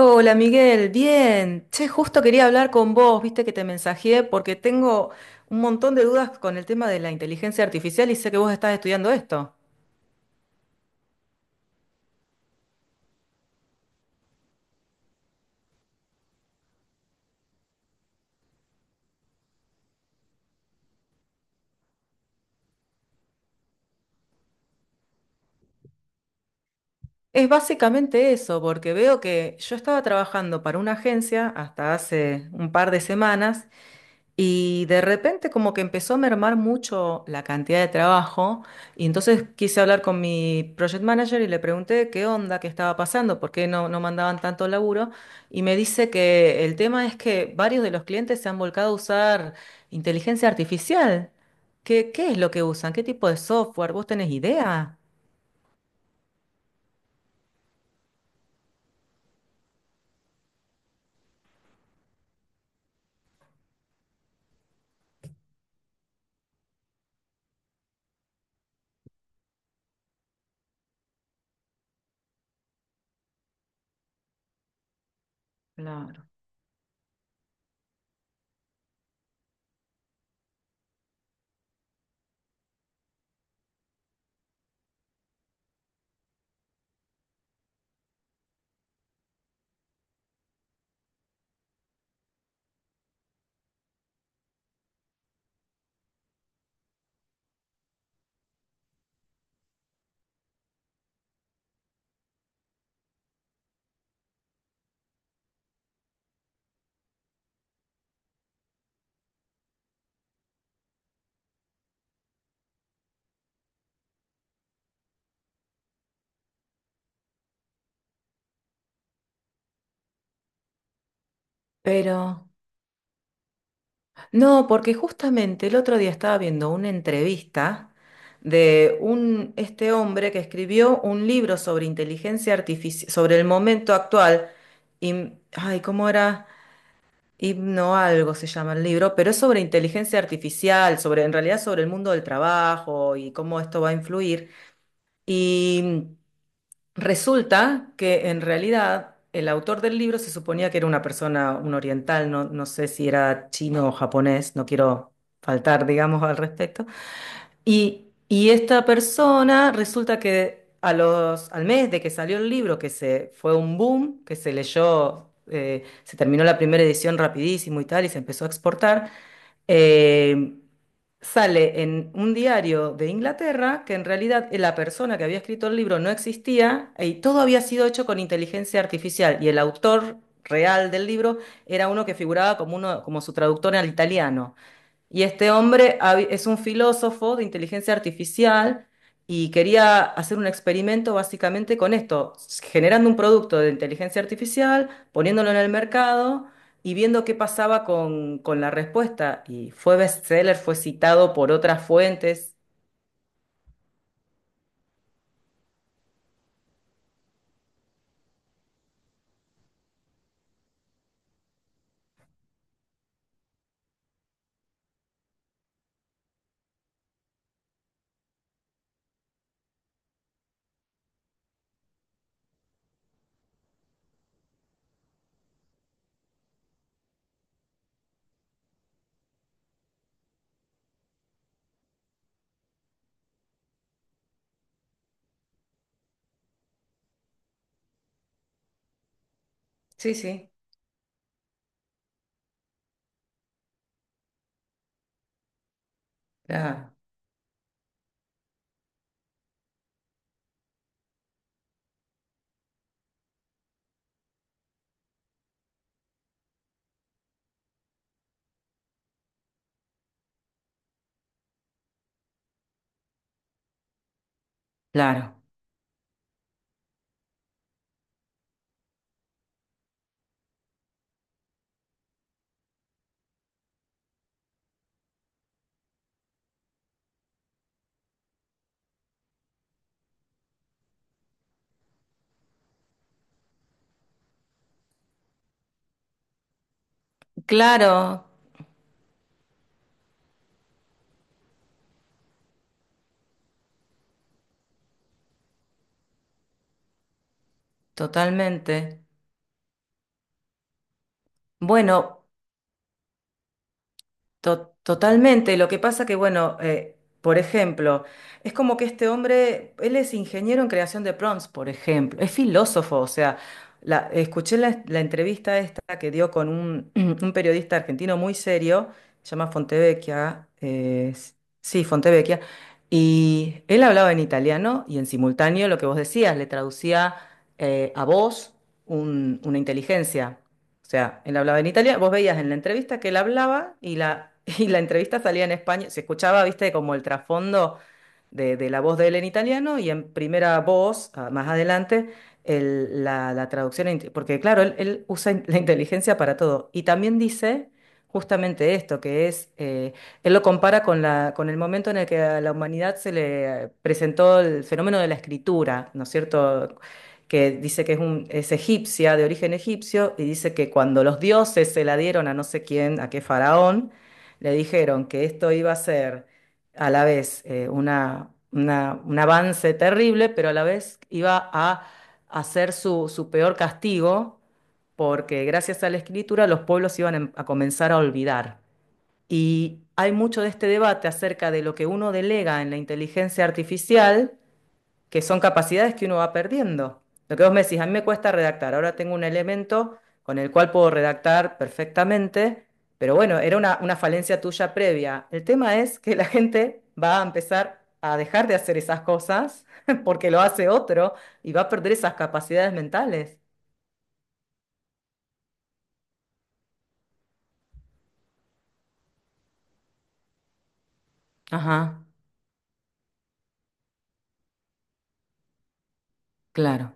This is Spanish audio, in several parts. Hola Miguel, bien. Che, justo quería hablar con vos, viste que te mensajeé porque tengo un montón de dudas con el tema de la inteligencia artificial y sé que vos estás estudiando esto. Es básicamente eso, porque veo que yo estaba trabajando para una agencia hasta hace un par de semanas y de repente como que empezó a mermar mucho la cantidad de trabajo, y entonces quise hablar con mi project manager y le pregunté qué onda, qué estaba pasando, por qué no mandaban tanto laburo, y me dice que el tema es que varios de los clientes se han volcado a usar inteligencia artificial. ¿Qué es lo que usan? ¿Qué tipo de software? ¿Vos tenés idea? Claro. Pero... No, porque justamente el otro día estaba viendo una entrevista de este hombre que escribió un libro sobre inteligencia artificial, sobre el momento actual. Y, ay, ¿cómo era? Himno algo se llama el libro, pero es sobre inteligencia artificial, sobre, en realidad sobre el mundo del trabajo y cómo esto va a influir. Y resulta que en realidad el autor del libro se suponía que era una persona, un oriental, no sé si era chino o japonés, no quiero faltar, digamos, al respecto. Y esta persona resulta que a al mes de que salió el libro, que se fue un boom, que se leyó, se terminó la primera edición rapidísimo y tal, y se empezó a exportar, eh, sale en un diario de Inglaterra que en realidad la persona que había escrito el libro no existía y todo había sido hecho con inteligencia artificial, y el autor real del libro era uno que figuraba como uno, como su traductor al italiano. Y este hombre es un filósofo de inteligencia artificial y quería hacer un experimento básicamente con esto, generando un producto de inteligencia artificial, poniéndolo en el mercado y viendo qué pasaba con la respuesta. Y fue bestseller, fue citado por otras fuentes. Sí, sí, claro, claro, claro, totalmente. Bueno. Totalmente. Lo que pasa que, bueno, por ejemplo, es como que este hombre, él es ingeniero en creación de prompts, por ejemplo, es filósofo, o sea, la, escuché la, la entrevista esta que dio con un, un periodista argentino muy serio, se llama Fontevecchia, sí, Fontevecchia, y él hablaba en italiano y en simultáneo lo que vos decías, le traducía a voz una inteligencia. O sea, él hablaba en Italia, vos veías en la entrevista que él hablaba y la, y la entrevista salía en España, se escuchaba, viste, como el trasfondo de la voz de él en italiano y en primera voz, ah, más adelante, la traducción, porque claro, él usa la inteligencia para todo. Y también dice justamente esto, que es, él lo compara con con el momento en el que a la humanidad se le presentó el fenómeno de la escritura, ¿no es cierto? Que dice que es, es egipcia, de origen egipcio, y dice que cuando los dioses se la dieron a no sé quién, a qué faraón, le dijeron que esto iba a ser a la vez un avance terrible, pero a la vez iba a hacer su, su peor castigo, porque gracias a la escritura los pueblos iban a comenzar a olvidar. Y hay mucho de este debate acerca de lo que uno delega en la inteligencia artificial, que son capacidades que uno va perdiendo. Lo que vos me decís, a mí me cuesta redactar, ahora tengo un elemento con el cual puedo redactar perfectamente, pero bueno, era una falencia tuya previa. El tema es que la gente va a empezar a dejar de hacer esas cosas porque lo hace otro y va a perder esas capacidades mentales. Ajá, claro.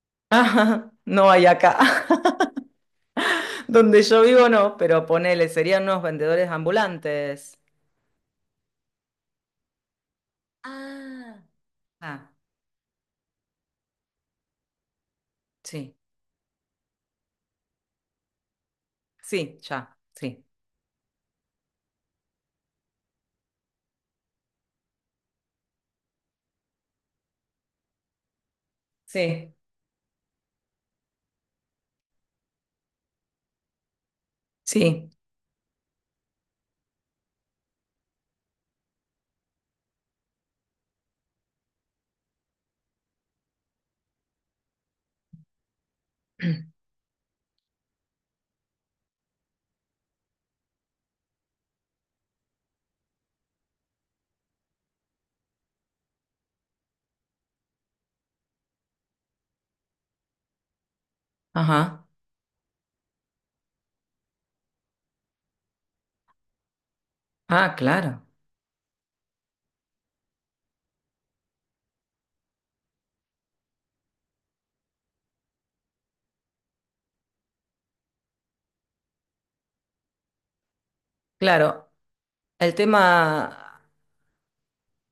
Ajá, no hay acá. Donde yo vivo no, pero ponele, serían unos vendedores ambulantes. Ah, ah, sí. Sí, ya, sí. Sí, sí, ajá. Ah, claro, claro. El tema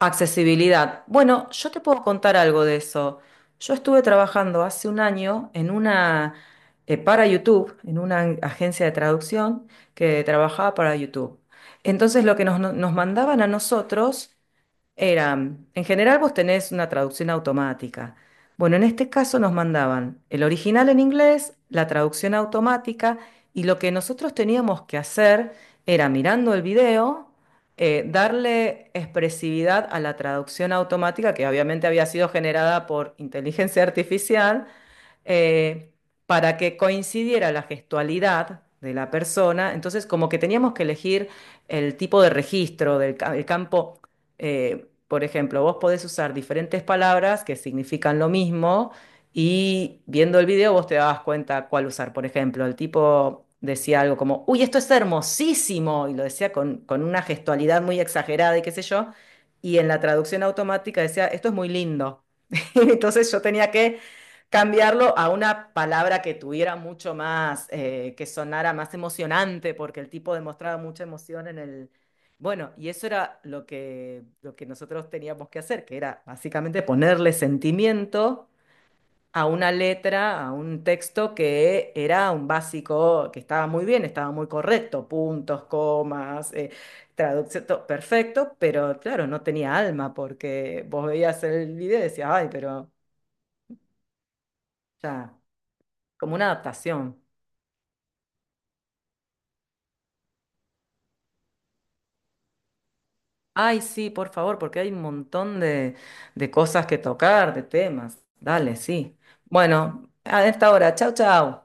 accesibilidad. Bueno, yo te puedo contar algo de eso. Yo estuve trabajando hace un año en para YouTube, en una agencia de traducción que trabajaba para YouTube. Entonces lo que nos mandaban a nosotros era, en general vos tenés una traducción automática. Bueno, en este caso nos mandaban el original en inglés, la traducción automática, y lo que nosotros teníamos que hacer era, mirando el video, darle expresividad a la traducción automática, que obviamente había sido generada por inteligencia artificial, eh, para que coincidiera la gestualidad de la persona. Entonces, como que teníamos que elegir el tipo de registro el campo. Por ejemplo, vos podés usar diferentes palabras que significan lo mismo, y viendo el video vos te dabas cuenta cuál usar. Por ejemplo, el tipo decía algo como, uy, esto es hermosísimo, y lo decía con, una gestualidad muy exagerada y qué sé yo. Y en la traducción automática decía, esto es muy lindo. Entonces yo tenía que cambiarlo a una palabra que tuviera mucho más, que sonara más emocionante, porque el tipo demostraba mucha emoción en el. Bueno, y eso era lo que nosotros teníamos que hacer, que era básicamente ponerle sentimiento a una letra, a un texto que era un básico, que estaba muy bien, estaba muy correcto, puntos, comas, traducción, todo perfecto, pero claro, no tenía alma porque vos veías el video y decías, ay, pero ya, como una adaptación. Ay, sí, por favor, porque hay un montón de cosas que tocar, de temas. Dale, sí. Bueno, a esta hora. Chau, chau.